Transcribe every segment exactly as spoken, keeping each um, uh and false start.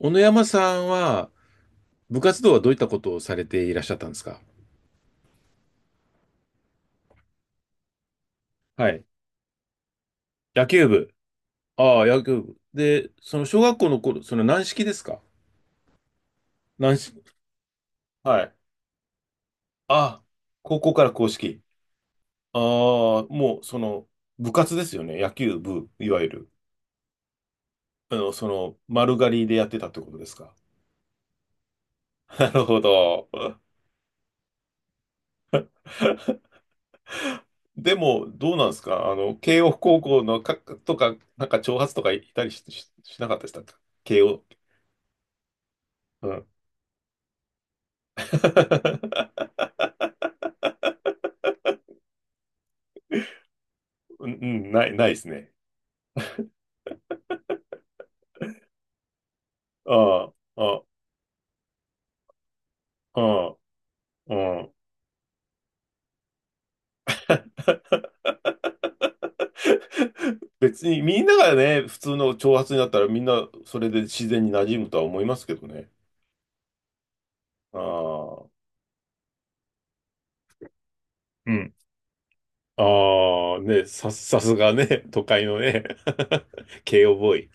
小野山さんは、部活動はどういったことをされていらっしゃったんですか？はい。野球部。ああ、野球部。で、その小学校の頃、その軟式ですか？軟式。はい。ああ、高校から硬式。ああ、もうその部活ですよね。野球部、いわゆる。あの、その丸刈りでやってたってことですか。なるほど。でも、どうなんですかあの、慶応高校のか、とか、なんか挑発とかいたりし、ししなかったでしたか？慶応。うん、うんない、ないですね。ああ、ああ、うん。別にみんながね、普通の長髪になったらみんなそれで自然に馴染むとは思いますけどね。ああ、うん。ああ、ね、さ、さすがね、都会のね、慶応ボーイ。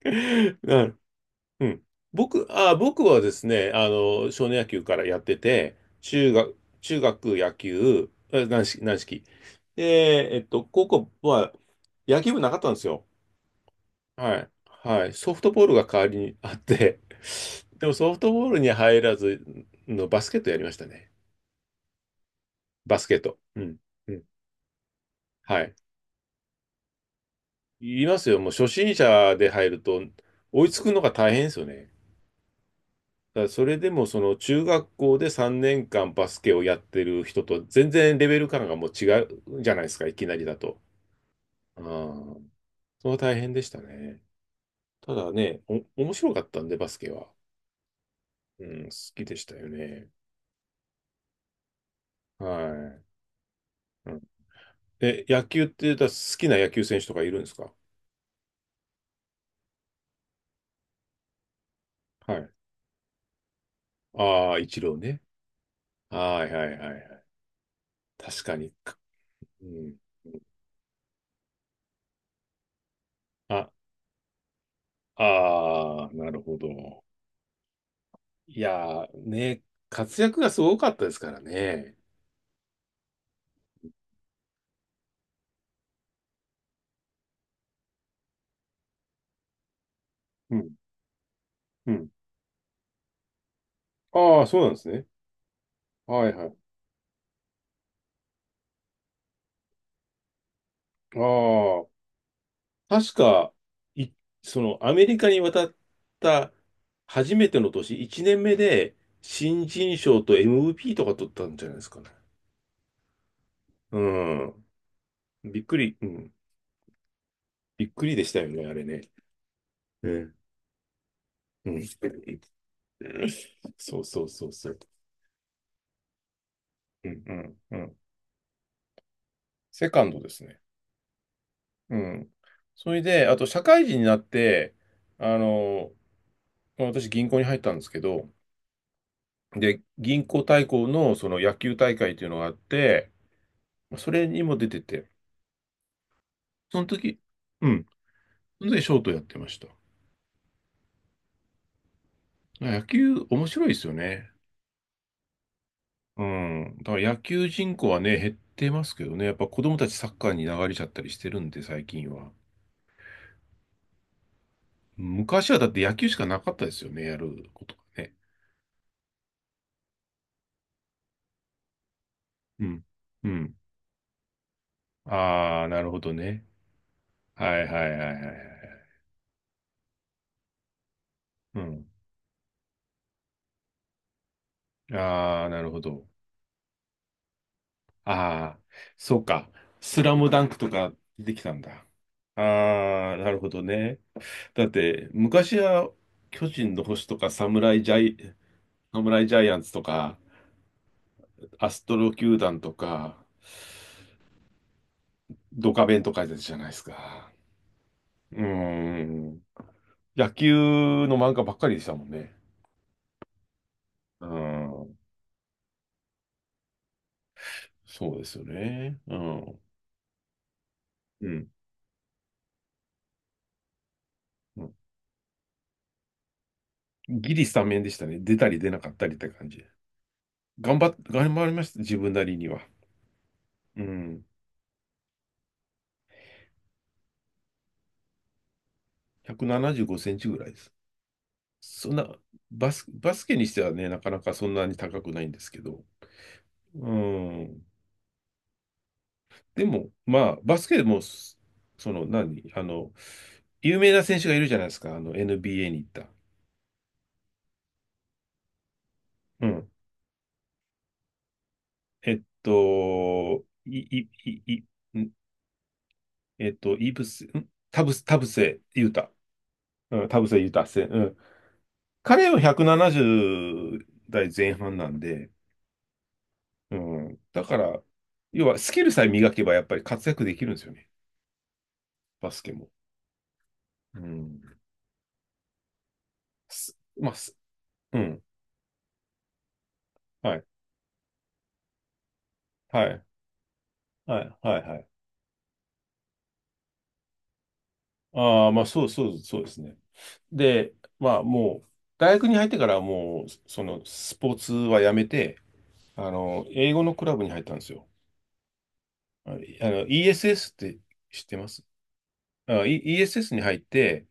なうん。僕、あ、僕はですね、あの、少年野球からやってて、中学、中学野球、え軟式、軟式。で、えっと、高校は野球部なかったんですよ。はい。はい。ソフトボールが代わりにあって、でもソフトボールに入らずのバスケットやりましたね。バスケット。うん。うん。はい。言いますよ。もう初心者で入ると追いつくのが大変ですよね。だからそれでもその中学校でさんねんかんバスケをやってる人と全然レベル感がもう違うじゃないですか、いきなりだと。ああ、それは大変でしたね。ただね、お、面白かったんで、バスケは。うん、好きでしたよね。はい。うん、え、野球って言ったら好きな野球選手とかいるんですか？はい。ああ、イチローね。はいはいはいはい。確かに。かうん。あ、ああ、なるほど。いやー、ね、活躍がすごかったですからね。うん。ああ、そうなんですね。はいはい。ああ、確か、い、その、アメリカに渡った初めての年、いちねんめで、新人賞と エムブイピー とか取ったんじゃないですかね。うん。びっくり、うん。びっくりでしたよね、あれね。うんうん。そうそうそうそう。うんうんうん。セカンドですね。うん。それで、あと、社会人になって、あの、私、銀行に入ったんですけど、で、銀行対抗のその野球大会というのがあって、それにも出てて、その時、うん、その時ショートやってました。野球面白いですよね。うん。だから野球人口はね、減ってますけどね、やっぱ子供たちサッカーに流れちゃったりしてるんで、最近は。昔はだって野球しかなかったですよね、やることがね。うん。うん。ああ、なるほどね。はいはいはいはいはい。うん。ああ、なるほど。ああ、そうか。スラムダンクとか出てきたんだ。ああ、なるほどね。だって、昔は巨人の星とかサムライジャイ、サムライジャイアンツとか、アストロ球団とか、ドカベンとかじゃないですか。うーん。野球の漫画ばっかりでしたもんね。うん。そうですよね。うん。うん。うんギリスタメンでしたね。出たり出なかったりって感じ。頑張っ、頑張りました。自分なりには。うん。ひゃくななじゅうごセンチぐらいです。そんな、バス、バスケにしてはね、なかなかそんなに高くないんですけど。うん。でも、まあ、バスケでも、その、何、あの、有名な選手がいるじゃないですか、あの、エヌビーエー に行った。うん。えっと、い、い、い、い、んえっと、イブス、ん田臥、田臥勇太。うん、田臥勇太選。うん。彼はひゃくななじゅう代前半なんで、うん。だから、要はスキルさえ磨けばやっぱり活躍できるんですよね。バスケも。うん。すまあ、すうん。はい。はい。はい。はい。はい。ああ、まあ、そうそう、そうですね。で、まあ、もう、大学に入ってからはもう、その、スポーツはやめて、あの、英語のクラブに入ったんですよ。あの、イーエスエス って知ってます？あ、E- イーエスエス に入って、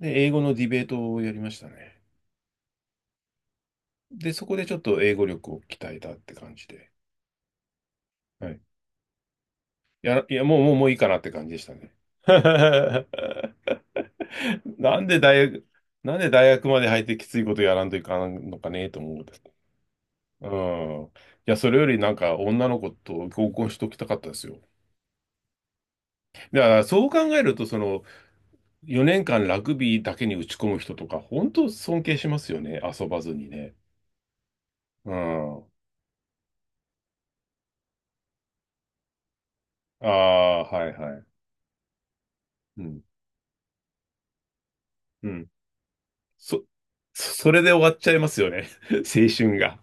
で、英語のディベートをやりましたね。で、そこでちょっと英語力を鍛えたって感じで。はいや、いや、もう、もう、もういいかなって感じでしたね。なんで大学、なんで大学まで入ってきついことやらんといかんのかねと思うんですね。うん。いや、それよりなんか女の子と合コンしときたかったですよ。だからそう考えると、そのよねんかんラグビーだけに打ち込む人とか、本当尊敬しますよね。遊ばずにね。うん。ああ、はいはい。うん。うん。そ、そそれで終わっちゃいますよね。青春が。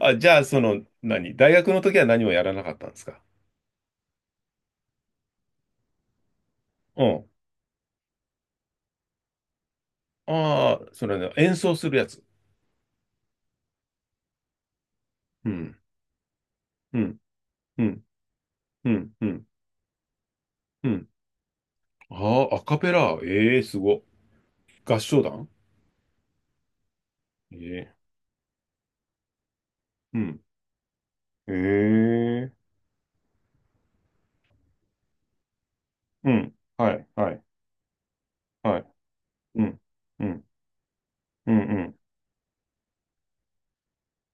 あ、じゃあ、その、何大学の時は何もやらなかったんですか？うん。ああ、それね、演奏するやつ。うん、うん、うん、うん、うん、うん。ああ、アカペラ。ええすご。合唱団？ええうん。ええうん。はい、はい、はい。うん、うん、うん、うん、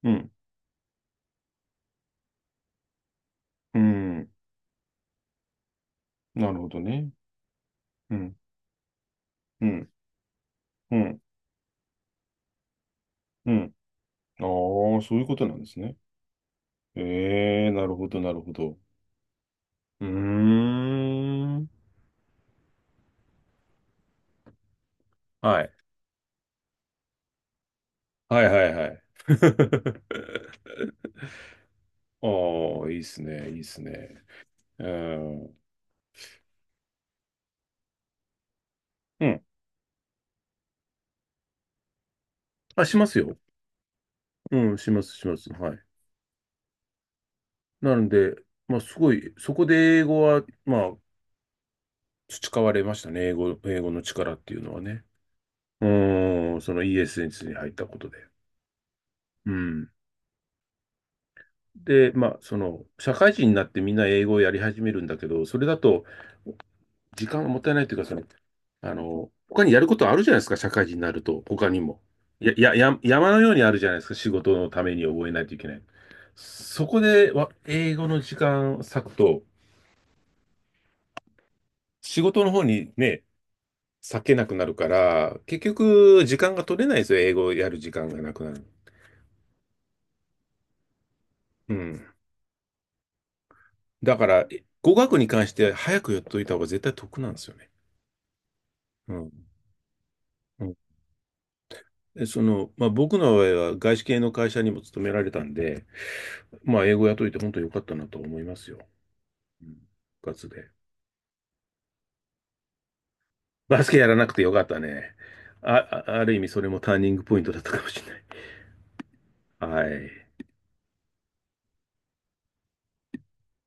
うん。うんなるほどね。うん、うん、うん、うん。ああ、そういうことなんですね。ええなるほど、なるほど。うーん。はい。はいはいはい。ああ、いいっすね、いいっすね。うん。うん。あ、しますよ。うん、します、します。はい。なので、まあ、すごい、そこで英語は、まあ、培われましたね。英語、英語の力っていうのはね。うん、その イーエスエス に入ったことで。うん。で、まあ、その、社会人になってみんな英語をやり始めるんだけど、それだと、時間がもったいないというか、その、あの、他にやることあるじゃないですか、社会人になると、他にも。や、や、や、山のようにあるじゃないですか、仕事のために覚えないといけない。そこでわ英語の時間を割くと、仕事の方にね、割けなくなるから、結局、時間が取れないですよ、英語をやる時間がなくなる。うん。だから、え語学に関して早くやっといた方が絶対得なんですよね。うん。うんでその、まあ、僕の場合は外資系の会社にも勤められたんで、まあ、英語やっといて本当によかったなと思いますよ。うん部活で。バスケやらなくてよかったね。あ、あある意味それもターニングポイントだったかもしれない。はい。